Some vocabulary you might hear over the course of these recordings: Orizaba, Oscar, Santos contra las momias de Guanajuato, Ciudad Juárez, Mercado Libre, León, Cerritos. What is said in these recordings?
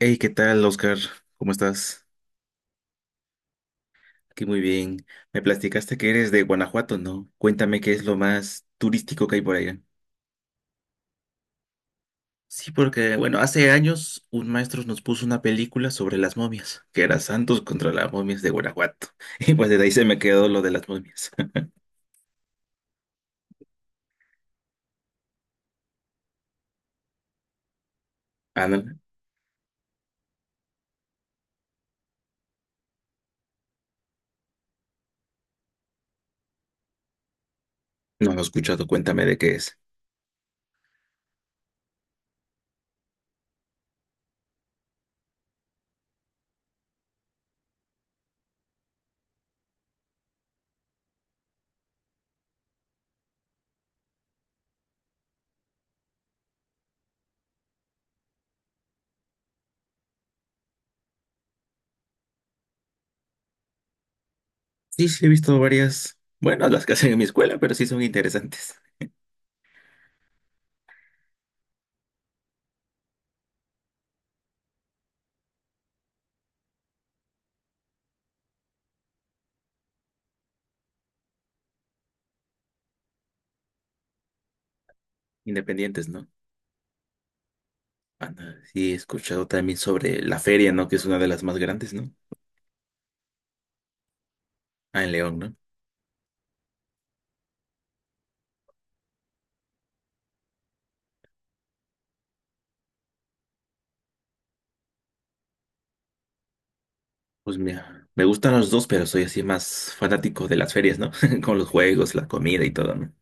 Hey, ¿qué tal, Oscar? ¿Cómo estás? Aquí muy bien. Me platicaste que eres de Guanajuato, ¿no? Cuéntame qué es lo más turístico que hay por allá. Sí, porque, bueno, hace años un maestro nos puso una película sobre las momias, que era Santos contra las momias de Guanajuato. Y pues desde ahí se me quedó lo de las momias. Ah, no, no lo he escuchado, cuéntame de qué es. Sí, sí, he visto varias, bueno, las que hacen en mi escuela, pero sí son interesantes. Independientes, ¿no? Ah, no, sí, he escuchado también sobre la feria, ¿no? Que es una de las más grandes, ¿no? Ah, en León, ¿no? Pues mira, me gustan los dos, pero soy así más fanático de las ferias, ¿no? Con los juegos, la comida y todo, ¿no?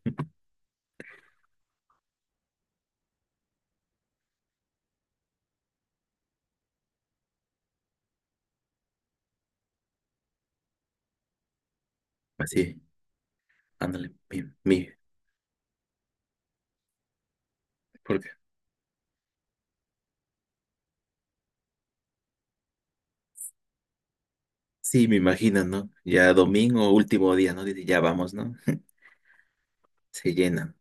Así, ándale, porque sí, me imagino, ¿no? Ya domingo, último día, ¿no? Dice, ya vamos, ¿no? Se llenan.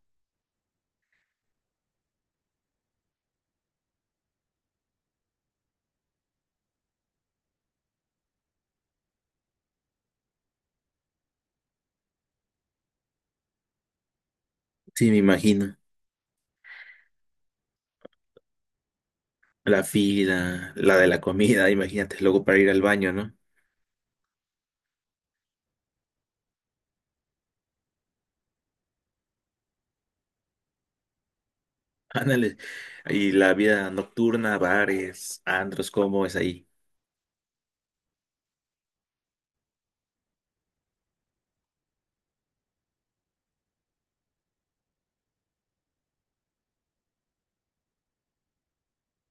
Sí, me imagino. La fila, la de la comida, imagínate, luego para ir al baño, ¿no? Ándale. Y la vida nocturna, bares, antros, ¿cómo es ahí?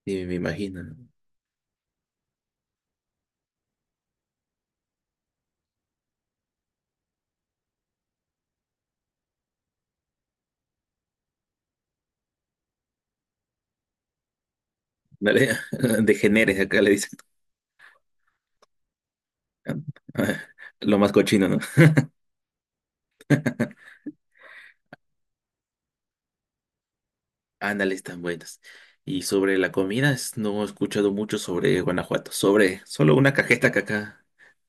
Sí, me imagino, ¿no? Ándale, degeneres, acá le dicen. Lo más cochino, ¿no? Ándale, están buenas. Y sobre la comida, no he escuchado mucho sobre Guanajuato. Sobre solo una cajeta que acá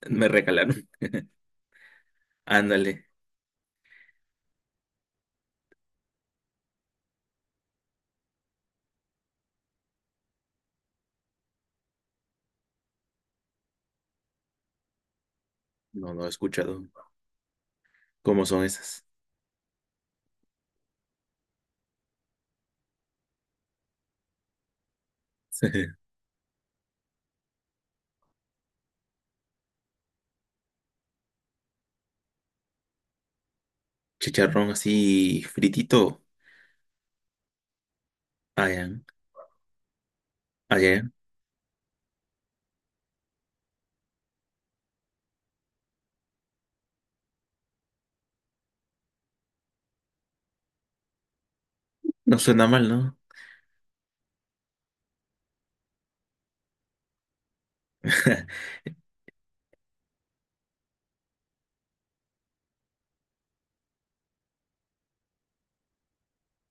me regalaron. Ándale. No, no he escuchado cómo son esas. Chicharrón así fritito. Allá, allá. No suena mal, ¿no?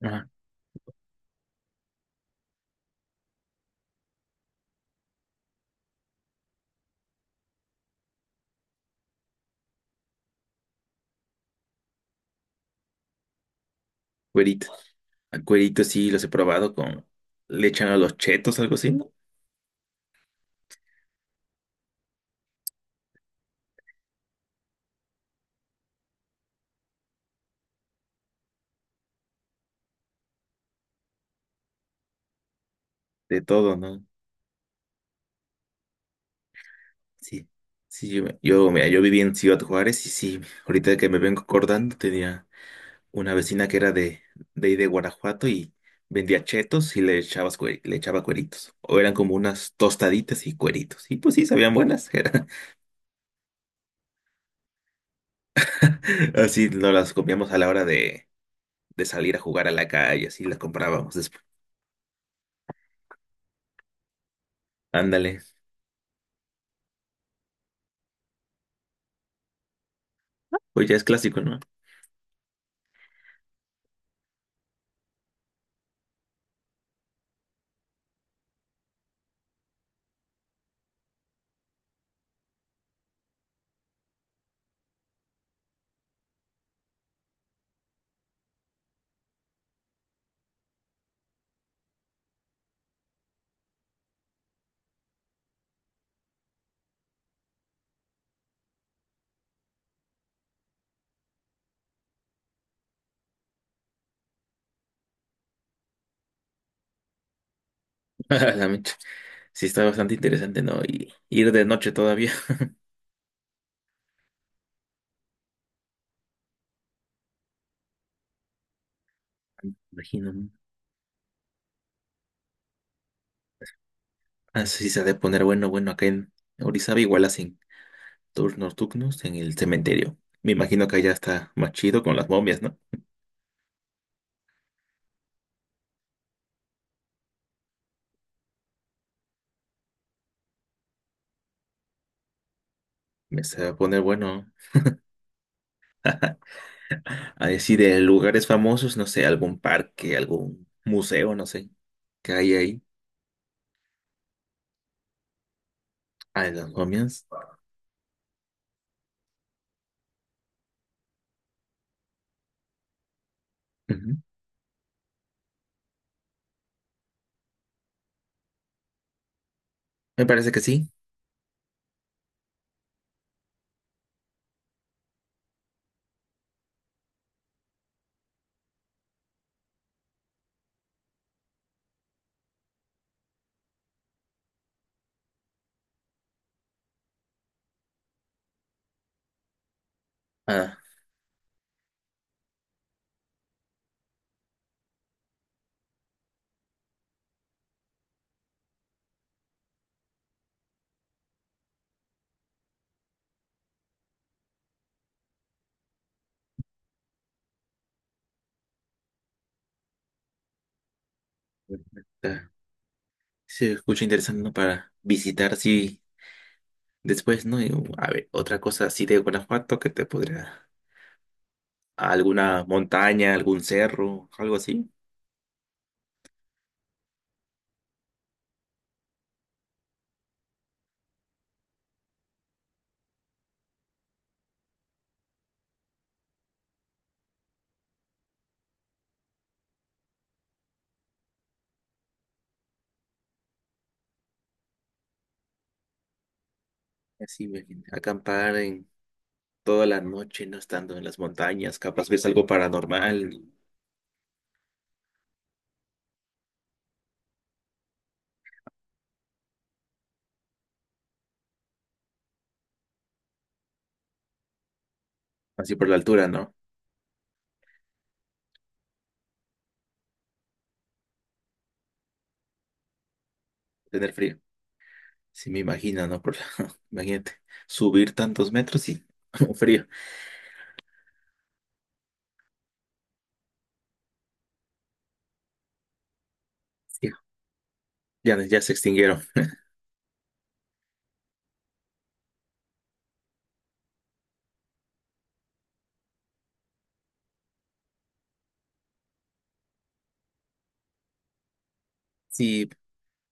Ajá. Cuerito. Ah, cuerito sí los he probado con... Le echan a los chetos, algo así, ¿no? De todo, ¿no? Sí. Sí, mira, yo viví en Ciudad Juárez y sí, ahorita que me vengo acordando tenía... una vecina que era de ahí de Guanajuato y vendía chetos y le echaba cueritos. O eran como unas tostaditas y cueritos. Y pues sí, sabían buenas. Así nos las comíamos a la hora de salir a jugar a la calle, así las comprábamos después. Ándale, pues ya es clásico, ¿no? A la mecha. Sí, está bastante interesante, ¿no? Y ir de noche todavía. Imagino. Así se ha de poner bueno, bueno, acá en Orizaba igual hacen turnos nocturnos en el cementerio. Me imagino que allá está más chido con las momias, ¿no? Me se va a poner bueno a decir lugares famosos, no sé, algún parque, algún museo, no sé, que hay ahí. Ah, en las momias. Ujú. Me parece que sí. Ah, está. Se escucha interesante, ¿no? Para visitar, sí, después, ¿no? Y, a ver, otra cosa así de Guanajuato que te podría. Alguna montaña, algún cerro, algo así. Así, ve, acampar en toda la noche, no estando en las montañas, capaz ves algo paranormal, así por la altura, ¿no? Tener frío. Sí, me imagino, ¿no? Imagínate, subir tantos metros y frío. Sí, ya, ya se extinguieron. Sí,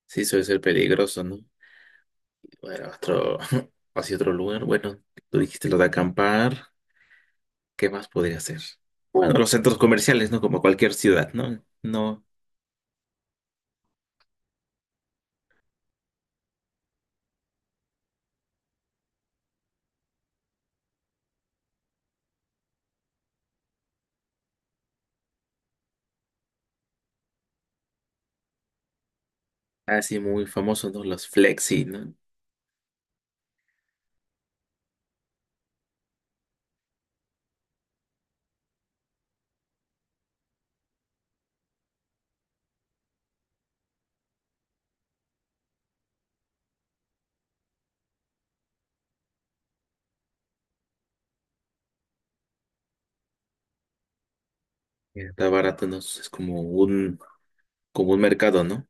sí, suele ser peligroso, ¿no? Bueno, otro, hacia otro lugar. Bueno, tú dijiste lo de acampar. ¿Qué más podría hacer? Bueno, los centros comerciales, ¿no? Como cualquier ciudad, ¿no? No, así muy famoso, ¿no? Los flexi, ¿no? Está barato, ¿no? Es como como un mercado, ¿no?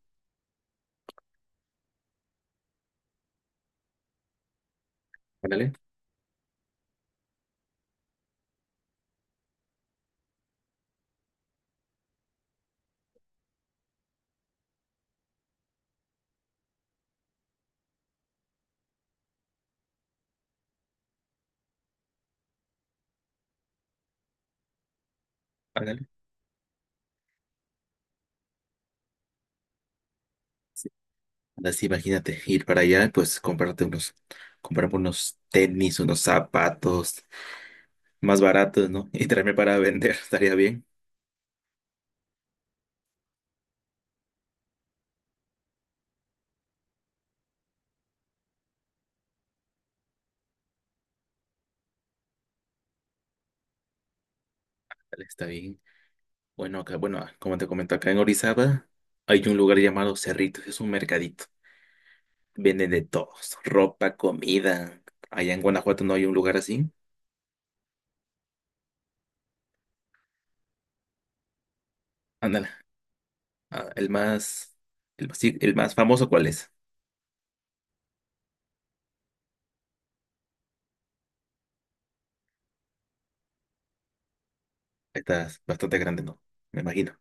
Ándale, ándale. Así, imagínate, ir para allá, pues comprarte unos, comprarme unos tenis, unos zapatos más baratos, ¿no? Y traerme para vender, estaría bien. Dale, está bien. Bueno, acá, bueno, como te comento, acá en Orizaba hay un lugar llamado Cerritos, es un mercadito. Venden de todos, ropa, comida. Allá en Guanajuato no hay un lugar así. Ándale, ah, el más, sí, el más famoso, ¿cuál es? Está bastante grande, ¿no? Me imagino.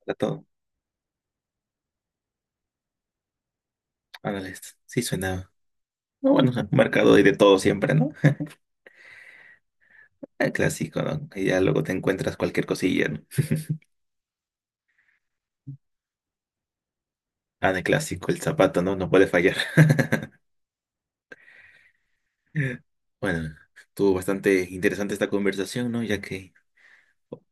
Está todo. Ándale, sí suena. No, bueno, un mercado hay de todo siempre, ¿no? El clásico, ¿no? Y ya luego te encuentras cualquier cosilla, ¿no? Ah, el clásico, el zapato, ¿no? No puede fallar. Bueno, estuvo bastante interesante esta conversación, ¿no? Ya que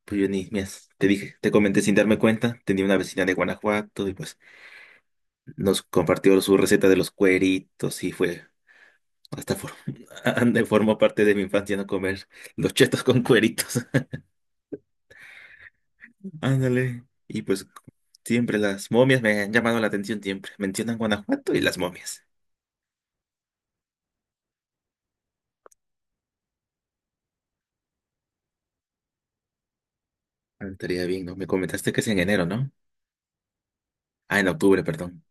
pues, yo ni me has- te dije, te comenté sin darme cuenta, tenía una vecina de Guanajuato y pues nos compartió su receta de los cueritos y fue hasta ande, formó parte de mi infancia no comer los chetos con cueritos. Ándale. Y pues siempre las momias me han llamado la atención siempre. Mencionan Guanajuato y las momias. Ah, estaría bien, ¿no? Me comentaste que es en enero, ¿no? Ah, en octubre, perdón.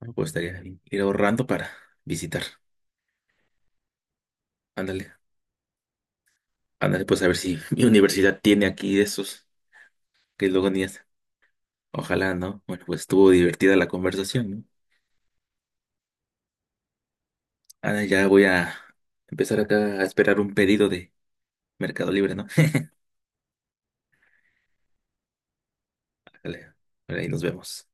Ah, pues estaría bien. Ir ahorrando para visitar. Ándale, ándale, pues a ver si mi universidad tiene aquí de esos que luego ni es. Ojalá, ¿no? Bueno, pues estuvo divertida la conversación, ¿no? Ah, ya voy a empezar acá a esperar un pedido de Mercado Libre, ¿no? Ándale, ahí nos vemos.